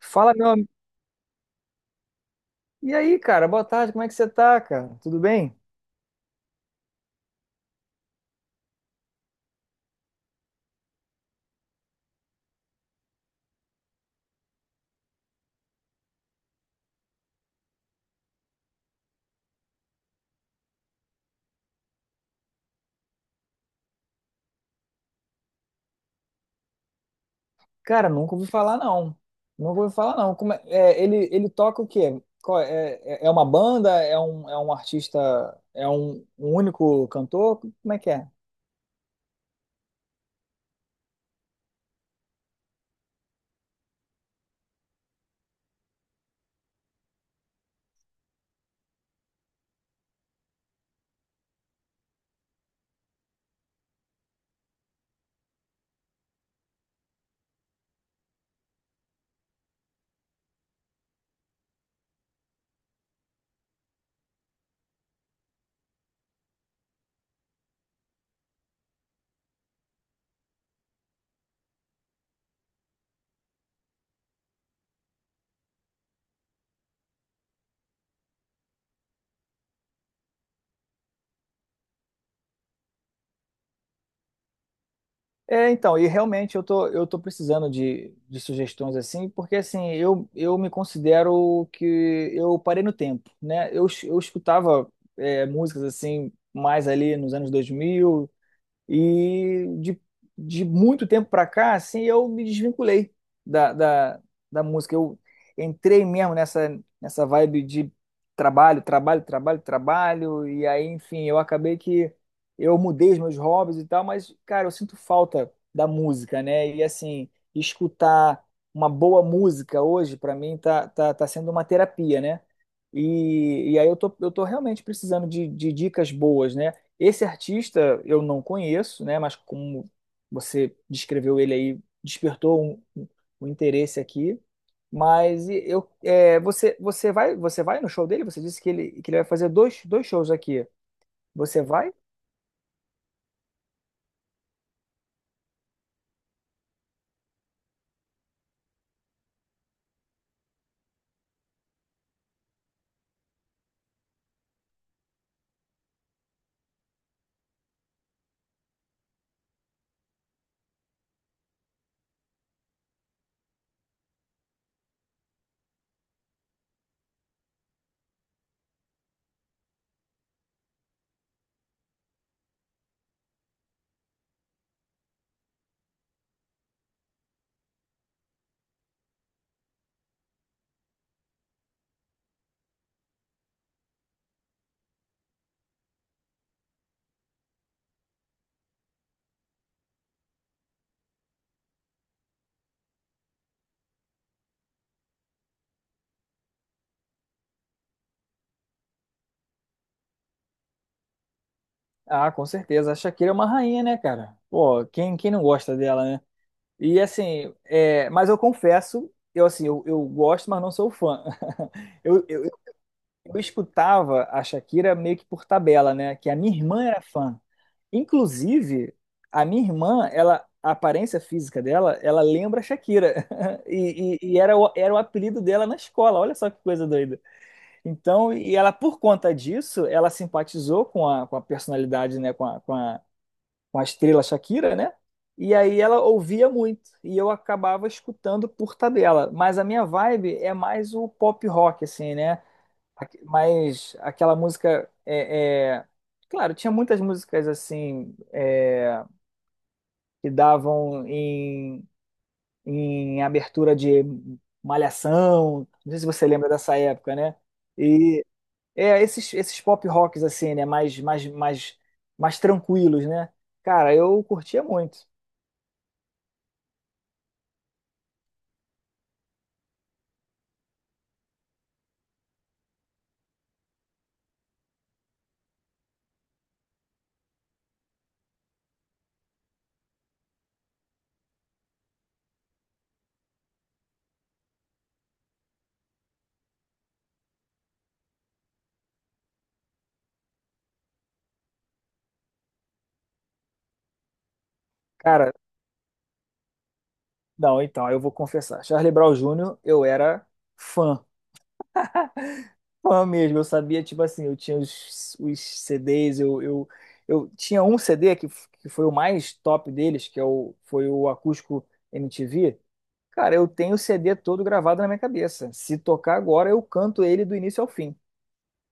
Fala, meu amigo. E aí, cara, boa tarde, como é que você tá, cara? Tudo bem? Cara, nunca ouvi falar, não. Nunca ouvi falar, não. Ele toca o quê? Qual é, é é uma banda? É um artista? É um único cantor? Como é que é? É, então, e realmente eu tô precisando de sugestões assim, porque assim, eu me considero que eu parei no tempo, né? Eu escutava músicas assim, mais ali nos anos 2000. E de muito tempo para cá, assim, eu me desvinculei da, da, da música. Eu entrei mesmo nessa vibe de trabalho, trabalho, trabalho, trabalho. E aí, enfim, eu acabei que eu mudei os meus hobbies e tal, mas, cara, eu sinto falta da música, né? E assim, escutar uma boa música hoje, para mim, tá sendo uma terapia, né? E aí eu tô realmente precisando de dicas boas, né? Esse artista eu não conheço, né? Mas como você descreveu ele aí, despertou um interesse aqui. Mas você vai no show dele? Você disse que ele vai fazer dois shows aqui. Você vai? Ah, com certeza. A Shakira é uma rainha, né, cara? Pô, quem não gosta dela, né? E assim, mas eu confesso, eu assim, eu gosto, mas não sou fã. Eu, eu, eu escutava a Shakira meio que por tabela, né? Que a minha irmã era fã. Inclusive, a minha irmã, ela, a aparência física dela, ela lembra a Shakira. Era o apelido dela na escola. Olha só que coisa doida. Então, e ela, por conta disso, ela simpatizou com a personalidade, né? Com a estrela Shakira, né? E aí ela ouvia muito. E eu acabava escutando por tabela. Mas a minha vibe é mais o pop rock, assim, né? Mas aquela música é. Claro, tinha muitas músicas assim que davam em abertura de Malhação. Não sei se você lembra dessa época, né? E esses pop rocks assim, né? Mais tranquilos, né? Cara, eu curtia muito. Cara, não, então, eu vou confessar. Charlie Brown Júnior eu era fã. fã, mesmo. Eu sabia, tipo assim, eu tinha os CDs, eu tinha um CD que foi o mais top deles, que foi o Acústico MTV. Cara, eu tenho o CD todo gravado na minha cabeça. Se tocar agora, eu canto ele do início ao fim.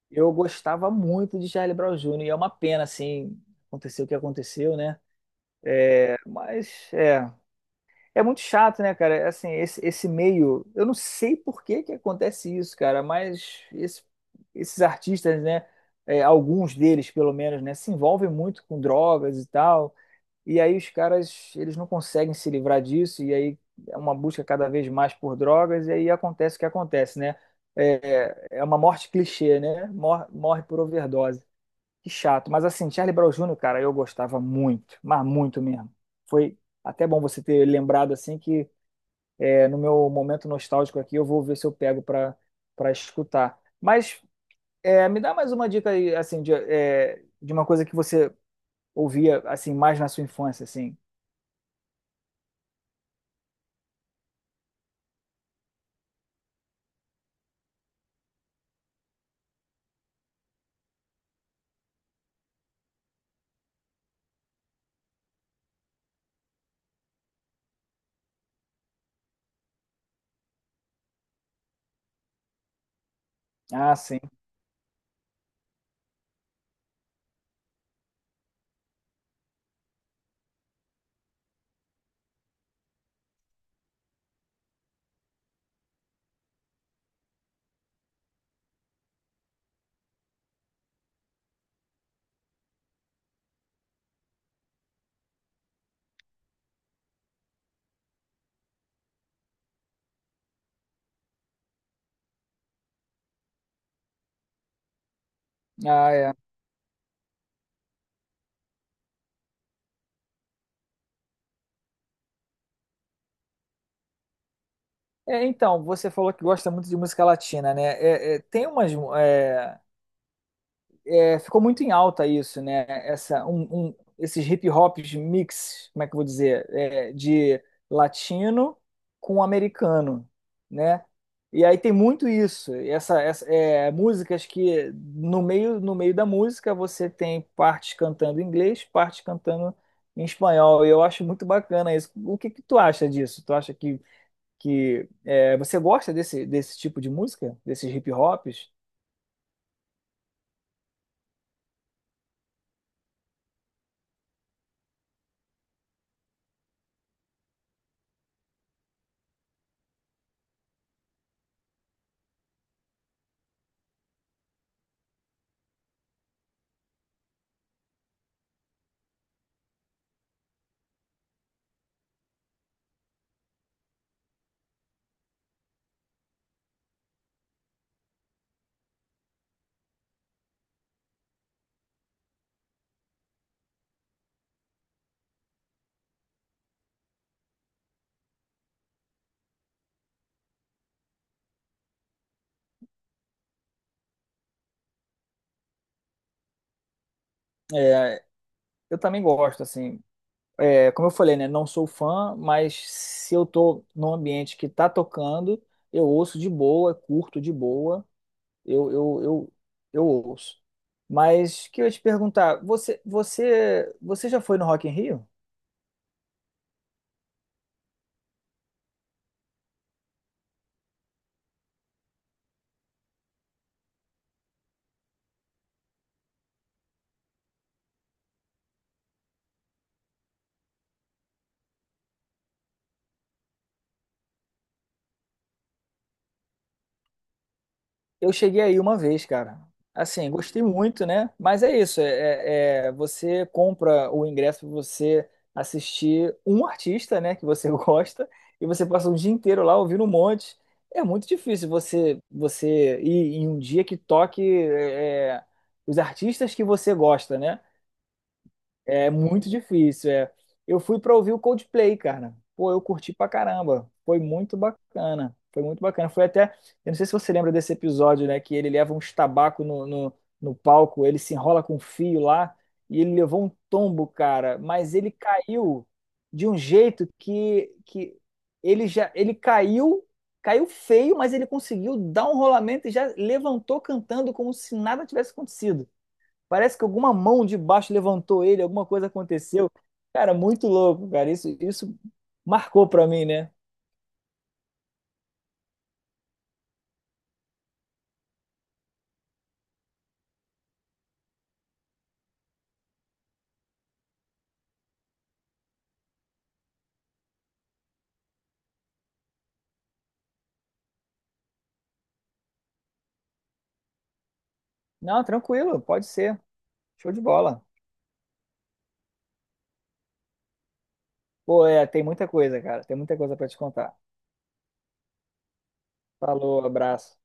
Eu gostava muito de Charlie Brown Jr. e é uma pena, assim, aconteceu o que aconteceu, né? Mas, é. É muito chato, né, cara? É, assim, esse meio, eu não sei por que que acontece isso, cara, mas esses artistas, né, alguns deles, pelo menos, né, se envolvem muito com drogas e tal, e aí os caras, eles não conseguem se livrar disso, e aí é uma busca cada vez mais por drogas, e aí acontece o que acontece, né? É uma morte clichê, né? Morre por overdose. Que chato. Mas assim, Charlie Brown Jr., cara, eu gostava muito, mas muito mesmo. Foi até bom você ter lembrado assim que no meu momento nostálgico aqui eu vou ver se eu pego para escutar. Mas me dá mais uma dica aí, assim, de uma coisa que você ouvia assim mais na sua infância, assim. Ah, sim. Ah, é. É, então, você falou que gosta muito de música latina, né? Tem umas. é, Ficou muito em alta isso, né? Esses hip hops mix, como é que eu vou dizer? De latino com americano, né? E aí tem muito isso. Músicas que no meio da música você tem partes cantando em inglês, partes cantando em espanhol. E eu acho muito bacana isso. O que que tu acha disso? Tu acha que você gosta desse tipo de música, desses hip hops? É, eu também gosto, assim. Como eu falei, né? Não sou fã, mas se eu tô num ambiente que tá tocando, eu ouço de boa, curto de boa, eu, eu, eu, eu ouço. Mas que eu ia te perguntar, você já foi no Rock in Rio? Eu cheguei aí uma vez, cara. Assim, gostei muito, né? Mas é isso, você compra o ingresso para você assistir um artista, né, que você gosta, e você passa o dia inteiro lá ouvindo um monte. É muito difícil você ir em um dia que toque os artistas que você gosta, né? É muito difícil, é. Eu fui pra ouvir o Coldplay, cara. Pô, eu curti pra caramba. Foi muito bacana. Foi muito bacana. Foi até, eu não sei se você lembra desse episódio, né, que ele leva uns tabaco no palco, ele se enrola com um fio lá e ele levou um tombo, cara. Mas ele caiu de um jeito que ele caiu feio, mas ele conseguiu dar um rolamento e já levantou cantando como se nada tivesse acontecido. Parece que alguma mão de baixo levantou ele, alguma coisa aconteceu. Cara, muito louco, cara. Isso marcou pra mim, né? Não, tranquilo, pode ser. Show de bola. Pô, tem muita coisa, cara. Tem muita coisa pra te contar. Falou, abraço.